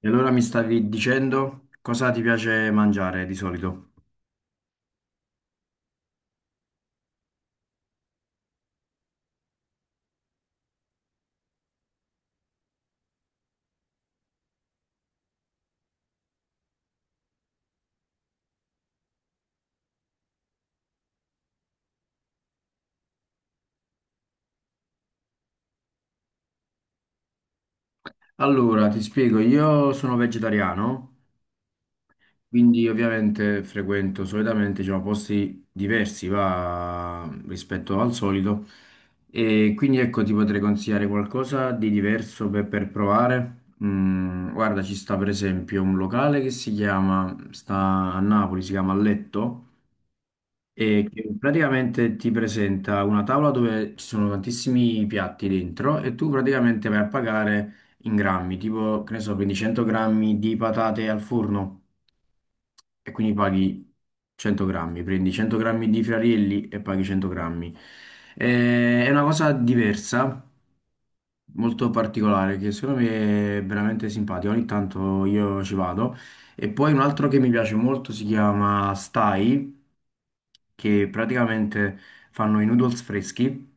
E allora mi stavi dicendo cosa ti piace mangiare di solito? Allora, ti spiego, io sono vegetariano, quindi ovviamente frequento solitamente, diciamo, posti diversi va, rispetto al solito e quindi ecco ti potrei consigliare qualcosa di diverso per provare. Mm, guarda, ci sta per esempio un locale che si chiama, sta a Napoli, si chiama Letto e che praticamente ti presenta una tavola dove ci sono tantissimi piatti dentro e tu praticamente vai a pagare in grammi, tipo, che ne so, prendi 100 grammi di patate al forno e quindi paghi 100 grammi, prendi 100 grammi di friarielli e paghi 100 grammi. È una cosa diversa molto particolare che secondo me è veramente simpatico. Ogni tanto io ci vado. E poi un altro che mi piace molto si chiama Stai, che praticamente fanno i noodles freschi.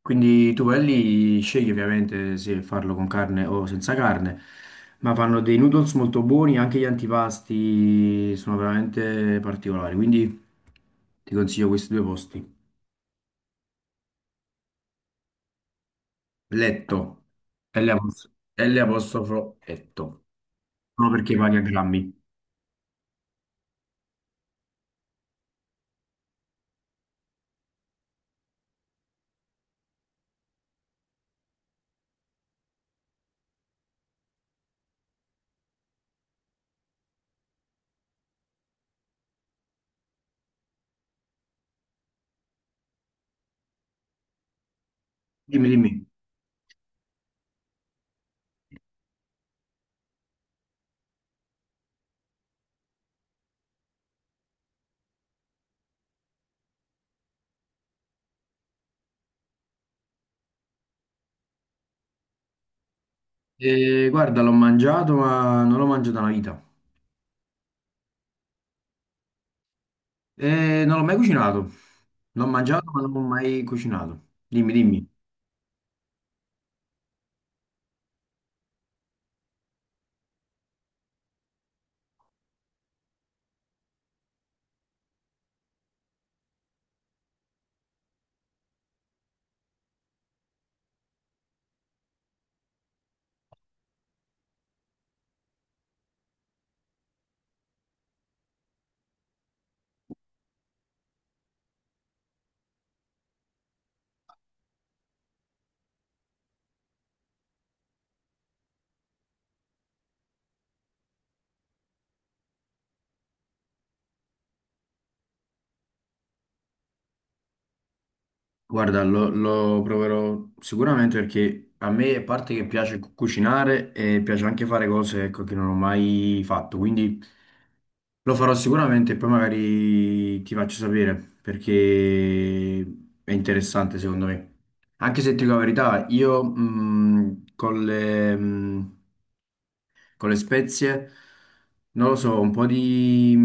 Quindi tu vai lì, scegli ovviamente se farlo con carne o senza carne, ma fanno dei noodles molto buoni, anche gli antipasti sono veramente particolari. Quindi ti consiglio questi due posti. Letto, L apostrofo, Letto. No, perché paghi a grammi. Dimmi, dimmi. Guarda, l'ho mangiato, ma non l'ho mangiato una vita. Non l'ho mai cucinato. L'ho mangiato, ma non l'ho mai cucinato. Dimmi, dimmi. Guarda, lo proverò sicuramente perché a me, a parte che piace cucinare, e piace anche fare cose, ecco, che non ho mai fatto. Quindi. Lo farò sicuramente, e poi magari ti faccio sapere perché è interessante secondo me. Anche se ti dico la verità, io con le, con le spezie, non lo so, un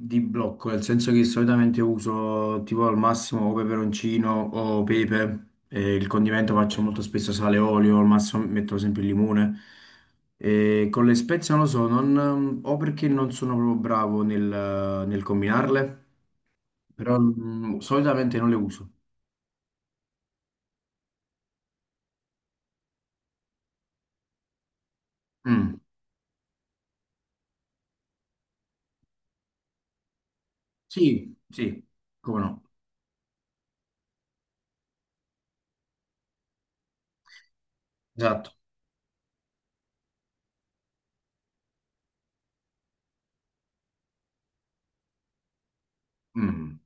di blocco, nel senso che solitamente uso tipo al massimo o peperoncino o pepe, e il condimento faccio molto spesso sale e olio, al massimo metto sempre il limone. E con le spezie non lo so, o perché non sono proprio bravo nel combinarle, però solitamente non le uso. Mm. Sì, sì, come no, esatto. Mm.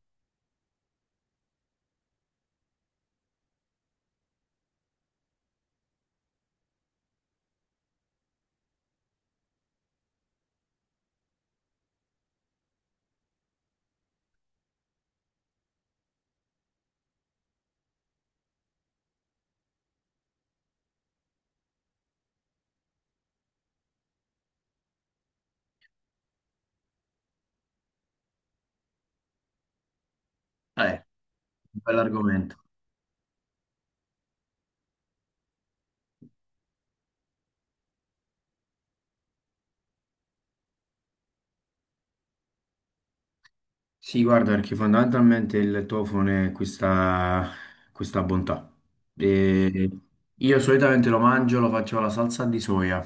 Eh, bell'argomento. Sì, guarda, perché fondamentalmente il tofone è questa bontà. E io solitamente lo mangio, lo faccio alla salsa di soia,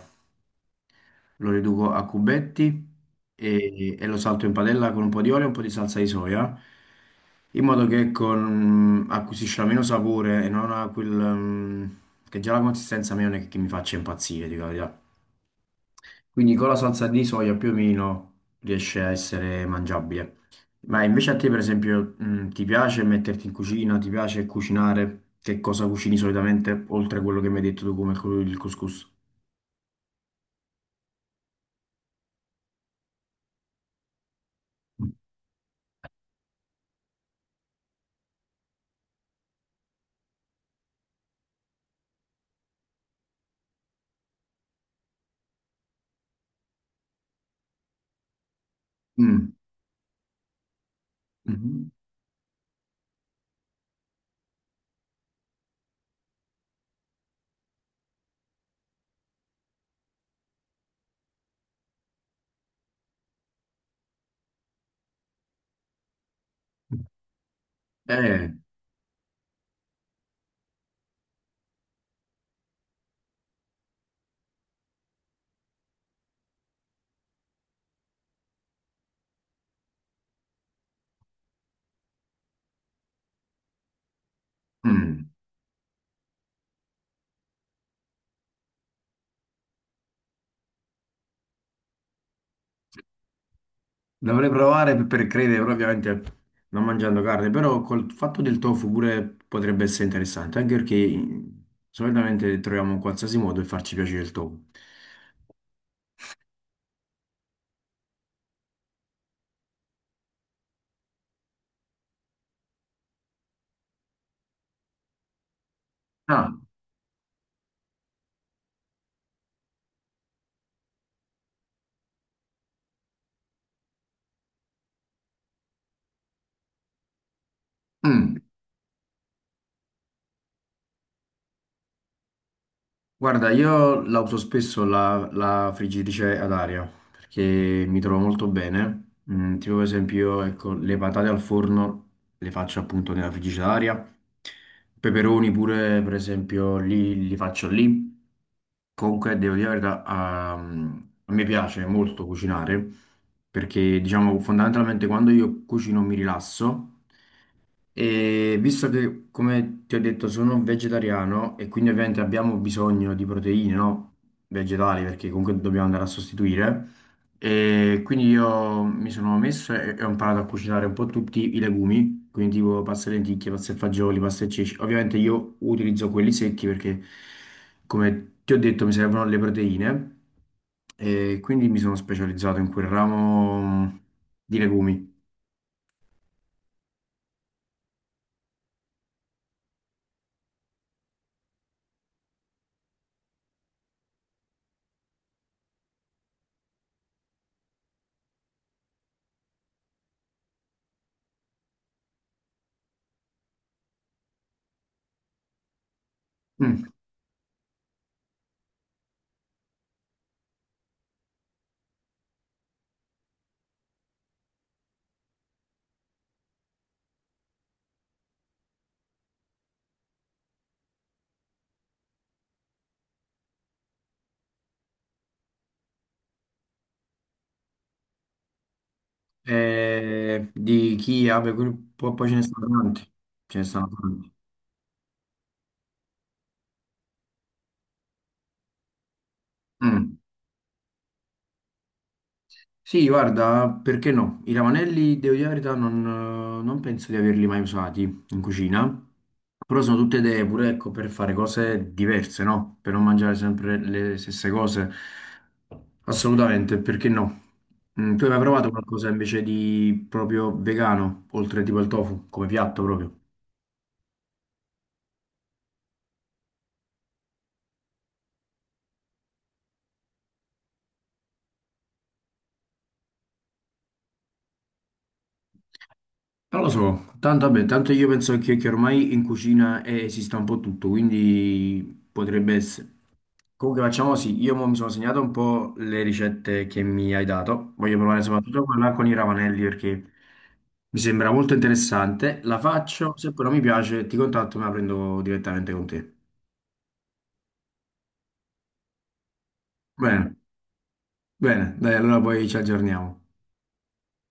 lo riduco a cubetti e lo salto in padella con un po' di olio e un po' di salsa di soia, in modo che acquisisca meno sapore e non ha quel... mm, che già la consistenza mia non è che mi faccia impazzire, dico la verità. Quindi con la salsa di soia più o meno riesce a essere mangiabile. Ma invece a te, per esempio, ti piace metterti in cucina? Ti piace cucinare? Che cosa cucini solitamente, oltre a quello che mi hai detto tu come il couscous? Mm. Mhm. Eh, mm. Dovrei provare per credere, però ovviamente non mangiando carne, però col fatto del tofu pure potrebbe essere interessante, anche perché mm, solitamente troviamo qualsiasi modo per farci piacere il tofu. Ah, mm. Guarda, io la uso spesso la friggitrice ad aria perché mi trovo molto bene. Mm, tipo per esempio, ecco, le patate al forno le faccio appunto nella friggitrice ad aria. Peperoni pure, per esempio, li faccio lì. Comunque, devo dire la verità, a me piace molto cucinare perché, diciamo, fondamentalmente quando io cucino mi rilasso e visto che, come ti ho detto, sono vegetariano e quindi ovviamente abbiamo bisogno di proteine, no? Vegetali, perché comunque dobbiamo andare a sostituire. E quindi io mi sono messo e ho imparato a cucinare un po' tutti i legumi, quindi tipo pasta e lenticchie, pasta e fagioli, pasta e ceci. Ovviamente io utilizzo quelli secchi perché, come ti ho detto, mi servono le proteine e quindi mi sono specializzato in quel ramo mm, di legumi. Mm. Di chi vabbè, quel- poi, poi ce ne sono tanti. Ce ne sono tanti. Mm. Sì, guarda, perché no? I ravanelli, devo dire la verità, non, non penso di averli mai usati in cucina. Però sono tutte idee pure, ecco, per fare cose diverse, no? Per non mangiare sempre le stesse cose. Assolutamente, perché no? Mm, tu hai mai provato qualcosa invece di proprio vegano, oltre tipo il tofu, come piatto proprio? Non lo so, tanto, vabbè, tanto io penso che ormai in cucina esista un po' tutto, quindi potrebbe essere. Comunque facciamo sì, io mo mi sono segnato un po' le ricette che mi hai dato, voglio provare soprattutto quella con i ravanelli perché mi sembra molto interessante, la faccio, se poi non mi piace ti contatto e me la prendo direttamente con te. Bene, bene, dai, allora poi ci aggiorniamo.